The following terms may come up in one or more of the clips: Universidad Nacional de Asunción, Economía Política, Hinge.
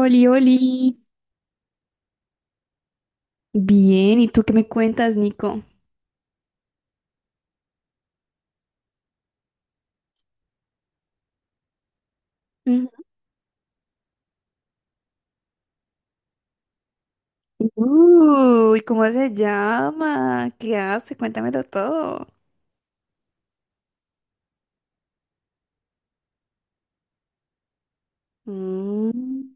Oli, oli. Bien, ¿y tú qué me cuentas, Nico? Ujú. Uy, ¿cómo se llama? ¿Qué hace? Cuéntamelo todo. Mm.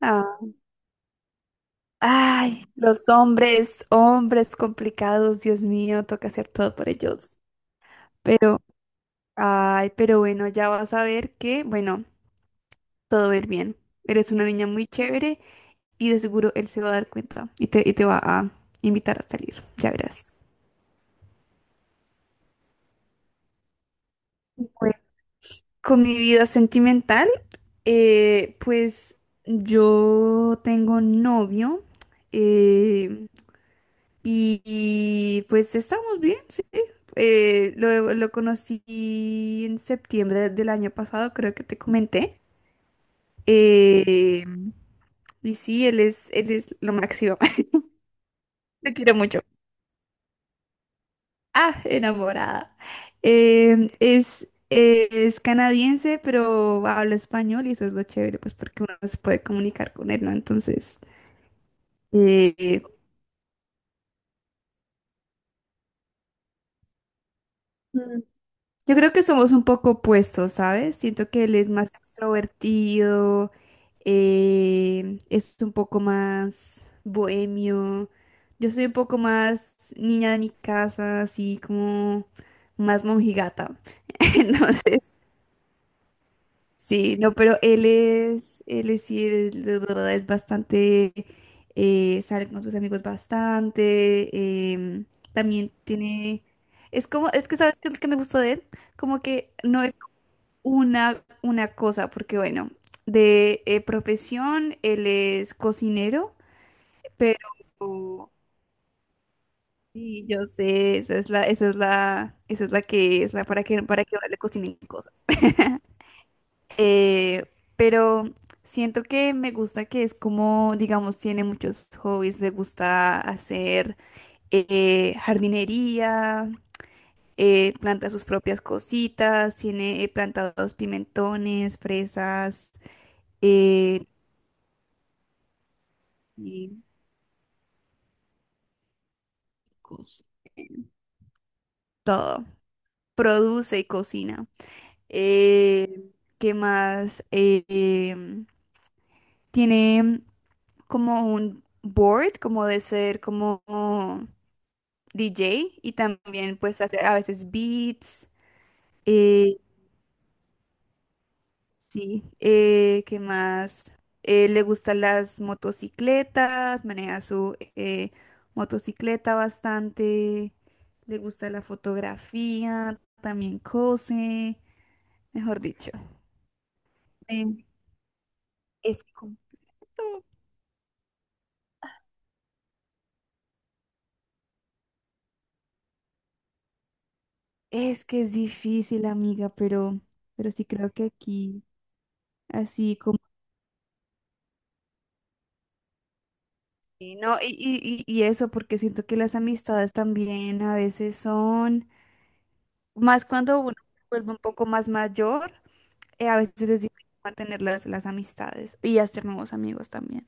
Ah. Ay, los hombres, hombres complicados, Dios mío, toca hacer todo por ellos. Pero, ay, pero bueno, ya vas a ver que, bueno, todo va a ir bien. Eres una niña muy chévere y de seguro él se va a dar cuenta y te, va a invitar a salir, ya verás. Bueno, con mi vida sentimental. Pues yo tengo novio, eh, y, pues estamos bien, sí. Lo conocí en septiembre del año pasado, creo que te comenté. Eh, y sí, él es lo máximo. Lo quiero mucho. Ah, enamorada. Es es canadiense, pero habla español y eso es lo chévere, pues porque uno se puede comunicar con él, ¿no? Entonces. eh, Yo creo que somos un poco opuestos, ¿sabes? Siento que él es más extrovertido, es un poco más bohemio. Yo soy un poco más niña de mi casa, así como más monjigata. Entonces, sí, no, pero él es, sí, es bastante, sale con sus amigos bastante, también tiene, es como, es que sabes qué es lo que me gustó de él, como que no es una cosa, porque bueno, de profesión él es cocinero, pero sí, yo sé, esa es la que es la para que ahora le cocinen cosas. Eh, pero siento que me gusta que es como, digamos, tiene muchos hobbies, le gusta hacer jardinería, planta sus propias cositas, tiene plantados pimentones, fresas, eh, y cos- todo. Produce y cocina. Eh, ¿Qué más? Tiene como un board, como de ser como DJ y también pues hace a veces beats. Eh, sí, ¿qué más? Le gustan las motocicletas, maneja su motocicleta bastante. Le gusta la fotografía, también cose, mejor dicho. Eh, Es completo. Es que es difícil, amiga, pero sí creo que aquí, así como. Y no, y eso, porque siento que las amistades también a veces son, más cuando uno se vuelve un poco más mayor, a veces es difícil mantener las amistades y hacer nuevos amigos también.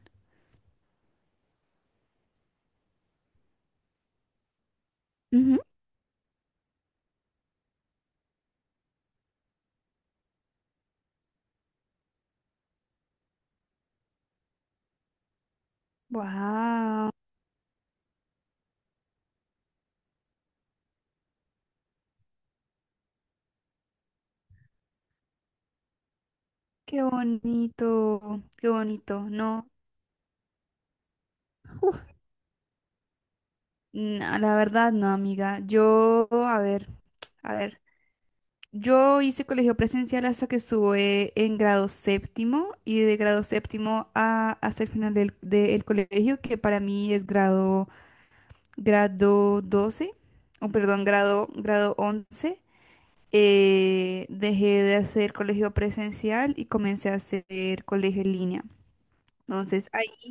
Wow, qué bonito, ¿no? Uf, no, la verdad, no, amiga. Yo, a ver, a ver. Yo hice colegio presencial hasta que estuve en grado séptimo y de grado séptimo hasta el final del colegio, que para mí es grado doce, o perdón, grado 11, dejé de hacer colegio presencial y comencé a hacer colegio en línea. Entonces ahí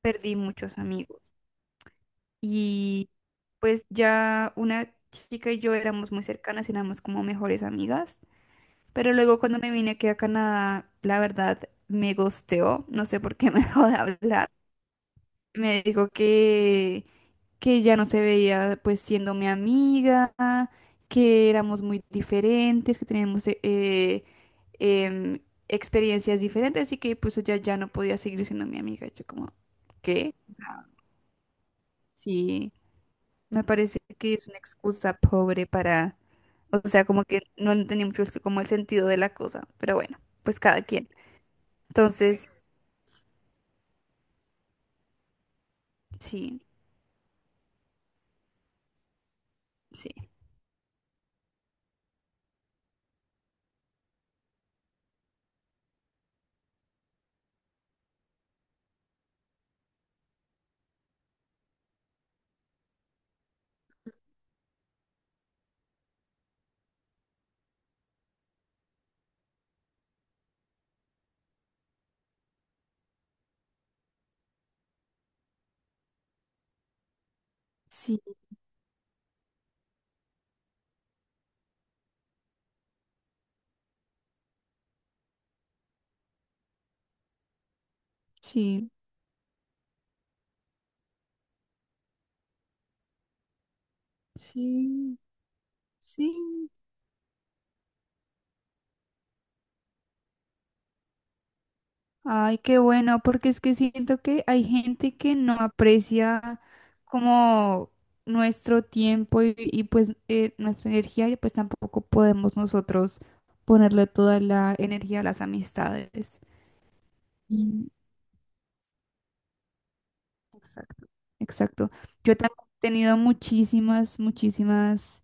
perdí muchos amigos. Y pues ya una chica y yo éramos muy cercanas, éramos como mejores amigas. Pero luego cuando me vine aquí a Canadá, la verdad me gosteó, no sé por qué me dejó de hablar. Me dijo que ya no se veía pues siendo mi amiga, que éramos muy diferentes, que teníamos em, experiencias diferentes y que pues ella ya no podía seguir siendo mi amiga. Yo como, ¿qué? O sea, sí, me parece que es una excusa pobre para, o sea, como que no entendí mucho como el sentido de la cosa, pero bueno, pues cada quien. Entonces. Sí, sí, sí, sí, sí, sí. Ay, qué bueno, porque es que siento que hay gente que no aprecia como nuestro tiempo y, pues nuestra energía y pues tampoco podemos nosotros ponerle toda la energía a las amistades. Y- Exacto, exacto. Yo también he tenido muchísimas, muchísimas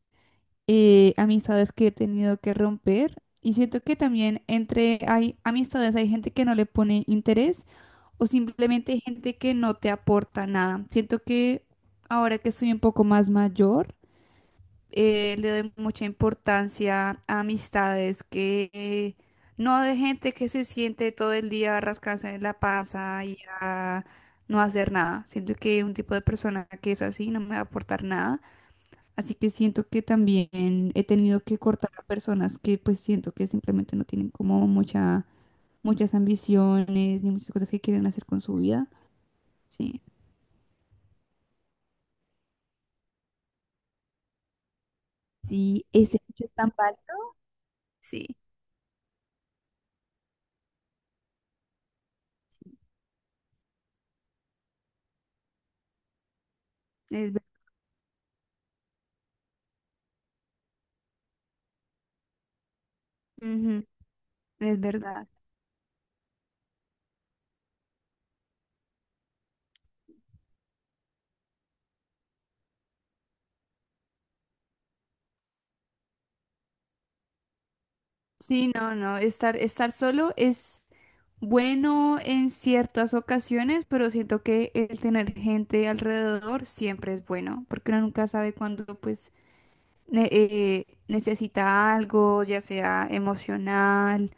amistades que he tenido que romper. Y siento que también entre hay amistades, hay gente que no le pone interés o simplemente hay gente que no te aporta nada. Siento que ahora que soy un poco más mayor, le doy mucha importancia a amistades que no de gente que se siente todo el día a rascarse en la panza y a no hacer nada. Siento que un tipo de persona que es así no me va a aportar nada. Así que siento que también he tenido que cortar a personas que pues siento que simplemente no tienen como mucha, muchas ambiciones ni muchas cosas que quieren hacer con su vida. Sí. Sí, ese hecho es tan válido. Sí, es, ver- Ujú, es verdad. Sí, no, no, estar solo es bueno en ciertas ocasiones, pero siento que el tener gente alrededor siempre es bueno, porque uno nunca sabe cuándo pues necesita algo, ya sea emocional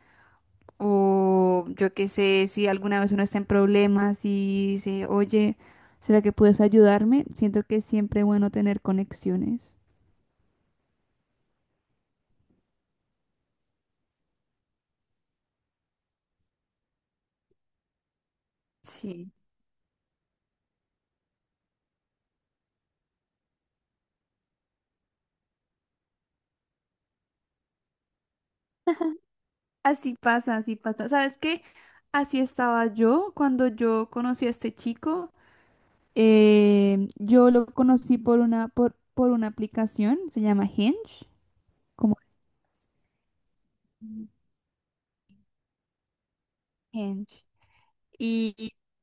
o yo qué sé, si alguna vez uno está en problemas y dice, oye, ¿será que puedes ayudarme? Siento que es siempre bueno tener conexiones. Sí. Así pasa, así pasa. ¿Sabes qué? Así estaba yo cuando yo conocí a este chico. Yo lo conocí por una aplicación, se llama Hinge, como Hinge. Y,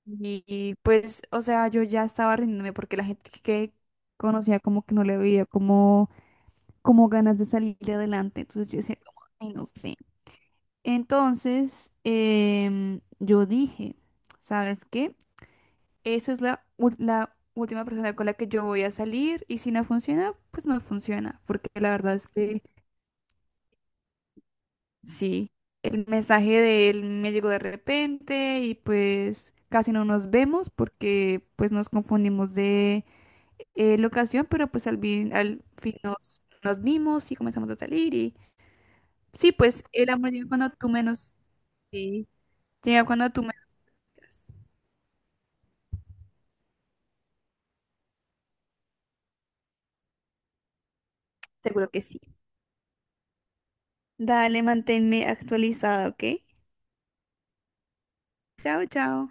y- pues, o sea, yo ya estaba rindiéndome porque la gente que conocía como que no le veía como ganas de salir de adelante. Entonces yo decía como, ay, no sé. Entonces, yo dije, ¿sabes qué? Esa es la última persona con la que yo voy a salir y si no funciona, pues no funciona. Porque la verdad es que. Sí, el mensaje de él me llegó de repente y pues casi no nos vemos porque pues nos confundimos de locación, pero pues al fin nos vimos y comenzamos a salir y sí, pues el amor llega cuando tú menos. Sí. Llega cuando tú menos quieras. Seguro que sí. Dale, manténme actualizada, ¿ok? Chao, chao.